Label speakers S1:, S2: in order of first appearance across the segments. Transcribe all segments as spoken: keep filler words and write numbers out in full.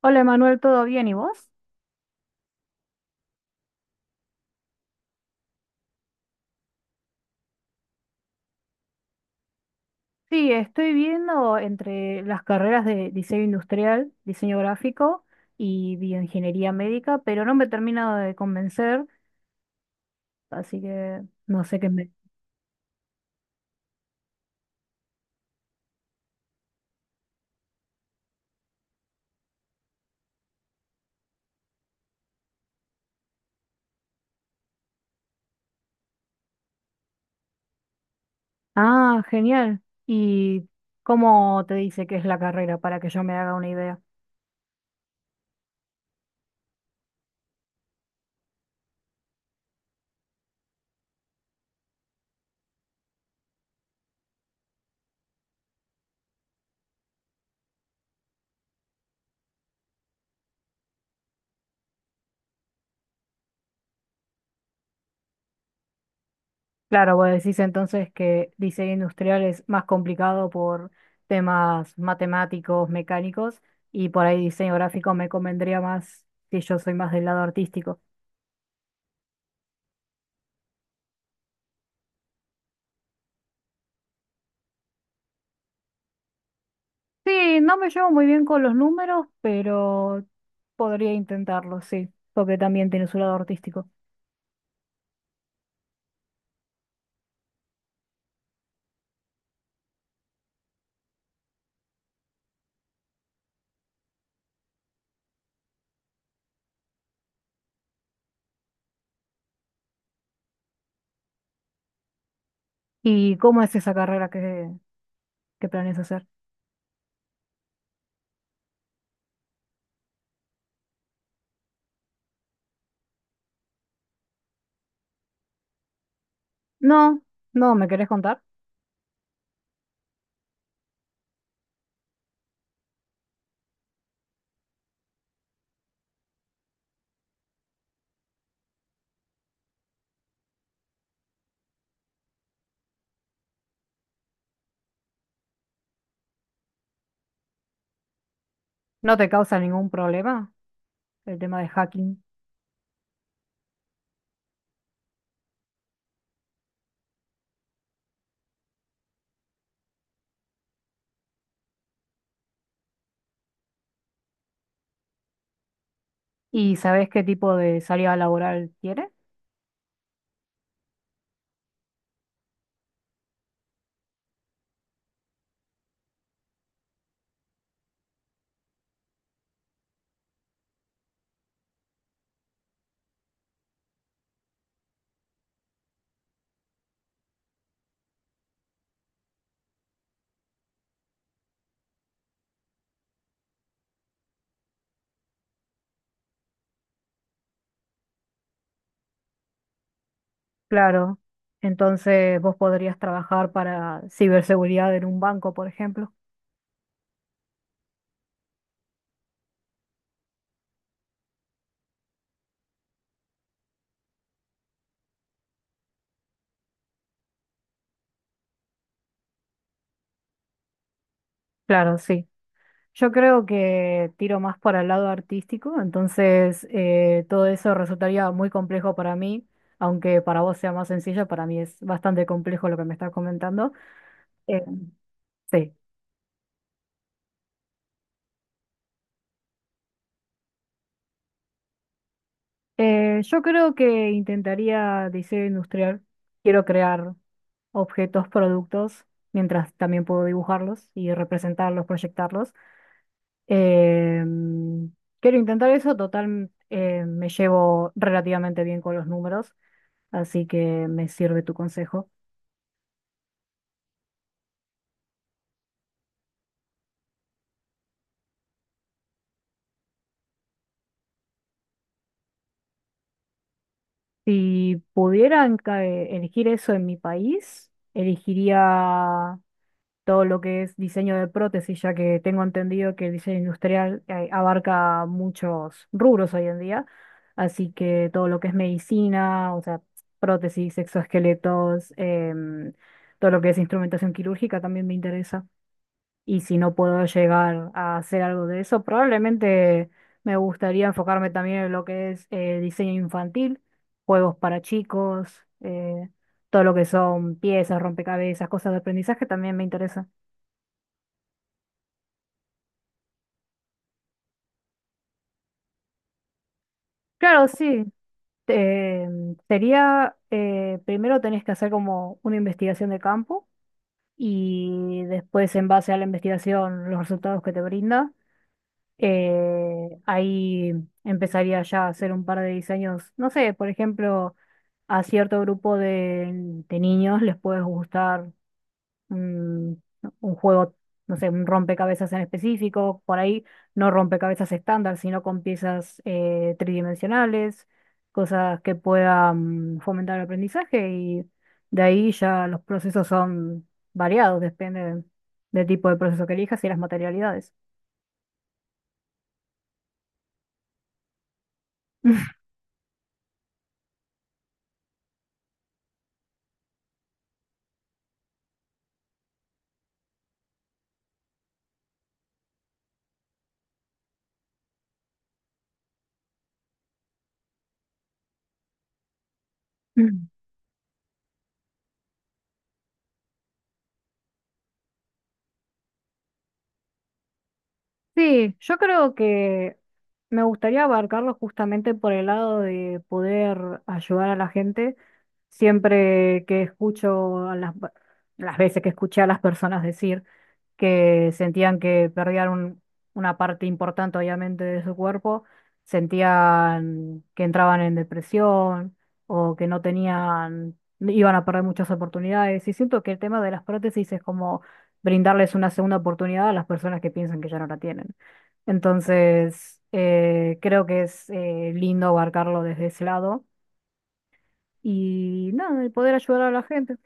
S1: Hola Emanuel, ¿todo bien? ¿Y vos? Sí, estoy viendo entre las carreras de diseño industrial, diseño gráfico y bioingeniería médica, pero no me he terminado de convencer, así que no sé qué me... Ah, genial. ¿Y cómo te dice que es la carrera para que yo me haga una idea? Claro, vos decís entonces que diseño industrial es más complicado por temas matemáticos, mecánicos, y por ahí diseño gráfico me convendría más si yo soy más del lado artístico. Sí, no me llevo muy bien con los números, pero podría intentarlo, sí, porque también tiene su lado artístico. ¿Y cómo es esa carrera que, que planeas hacer? No, no, ¿me querés contar? ¿No te causa ningún problema el tema de hacking? ¿Y sabés qué tipo de salida laboral tiene? Claro, entonces vos podrías trabajar para ciberseguridad en un banco, por ejemplo. Claro, sí. Yo creo que tiro más para el lado artístico, entonces eh, todo eso resultaría muy complejo para mí, aunque para vos sea más sencillo, para mí es bastante complejo lo que me estás comentando. Eh, sí. Eh, yo creo que intentaría diseño industrial, quiero crear objetos, productos, mientras también puedo dibujarlos y representarlos, proyectarlos. Em, quiero intentar eso, total, eh, me llevo relativamente bien con los números, así que me sirve tu consejo. Si pudieran elegir eso en mi país, elegiría todo lo que es diseño de prótesis, ya que tengo entendido que el diseño industrial eh, abarca muchos rubros hoy en día, así que todo lo que es medicina, o sea, prótesis, exoesqueletos, em, todo lo que es instrumentación quirúrgica también me interesa. Y si no puedo llegar a hacer algo de eso, probablemente me gustaría enfocarme también en lo que es eh, diseño infantil, juegos para chicos, eh, todo lo que son piezas, rompecabezas, cosas de aprendizaje también me interesa. Claro, sí. eh, sería, eh, primero tenés que hacer como una investigación de campo y después en base a la investigación los resultados que te brinda. Eh, ahí empezaría ya a hacer un par de diseños, no sé, por ejemplo, a cierto grupo de, de niños les puede gustar un, un juego, no sé, un rompecabezas en específico, por ahí no rompecabezas estándar, sino con piezas eh, tridimensionales, cosas que puedan fomentar el aprendizaje y de ahí ya los procesos son variados, depende del tipo de proceso que elijas y las materialidades. Sí, yo creo que me gustaría abarcarlo justamente por el lado de poder ayudar a la gente. Siempre que escucho a las, las veces que escuché a las personas decir que sentían que perdían un- una parte importante, obviamente, de su cuerpo, sentían que entraban en depresión o que no tenían, iban a perder muchas oportunidades. Y siento que el tema de las prótesis es como brindarles una segunda oportunidad a las personas que piensan que ya no la tienen. Entonces, eh, creo que es eh, lindo abarcarlo desde ese lado. Y nada, el poder ayudar a la gente.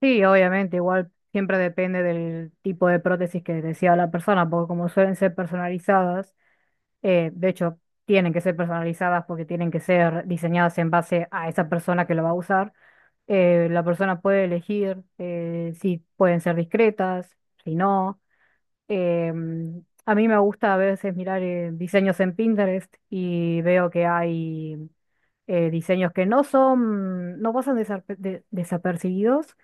S1: Sí, obviamente, igual siempre depende del tipo de prótesis que decía la persona, porque como suelen ser personalizadas, eh, de hecho, tienen que ser personalizadas porque tienen que ser diseñadas en base a esa persona que lo va a usar. eh, la persona puede elegir eh, si pueden ser discretas, si no. Em, a mí me gusta a veces mirar eh, diseños en Pinterest y veo que hay eh, diseños que no son, no pasan desaper- de- desapercibidos,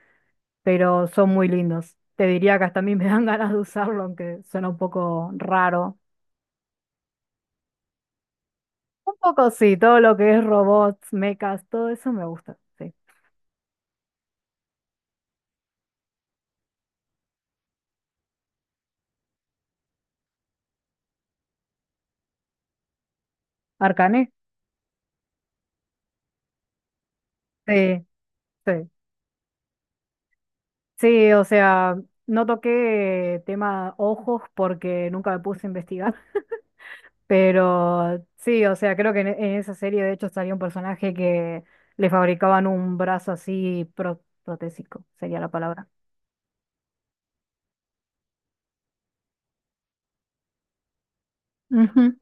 S1: pero son muy lindos. Te diría que hasta a mí me dan ganas de usarlo, aunque suena un poco raro. Un poco sí, todo lo que es robots, mechas, todo eso me gusta, sí. ¿Arcane? Sí, sí. Sí, o sea, no toqué tema ojos porque nunca me puse a investigar, pero sí, o sea, creo que en, en esa serie de hecho salía un personaje que le fabricaban un brazo así pro- protésico, sería la palabra. Ujú.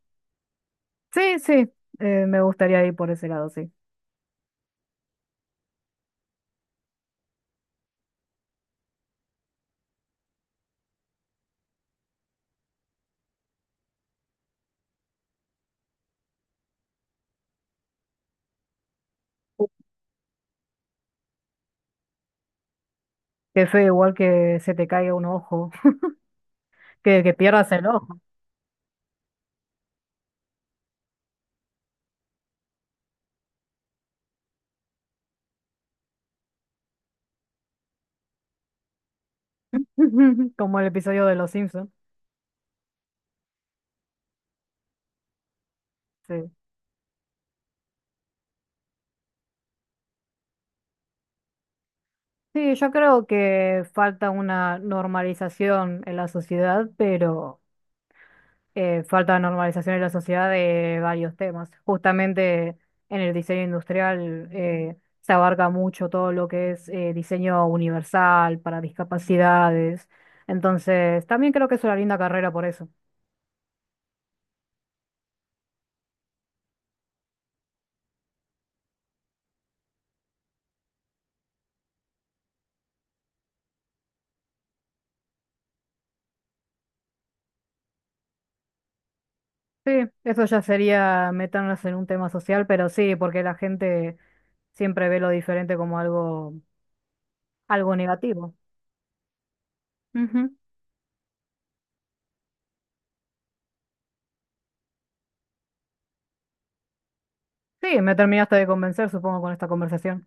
S1: Sí, sí, eh, me gustaría ir por ese lado, sí. Qué feo, igual que se te caiga un ojo, que, que pierdas el ojo, como el episodio de Los Simpsons. Sí. Sí, yo creo que falta una normalización en la sociedad, pero eh, falta normalización en la sociedad de varios temas. Justamente en el diseño industrial eh, se abarca mucho todo lo que es eh, diseño universal para discapacidades. Entonces, también creo que es una linda carrera por eso. Sí, eso ya sería meternos en un tema social, pero sí, porque la gente siempre ve lo diferente como algo, algo negativo. Ujú. Sí, me terminaste de convencer, supongo, con esta conversación.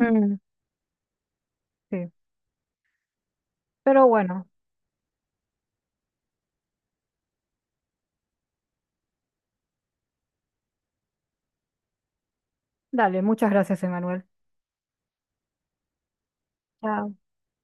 S1: Mm. Sí. Pero bueno, dale, muchas gracias, Emanuel. Chao.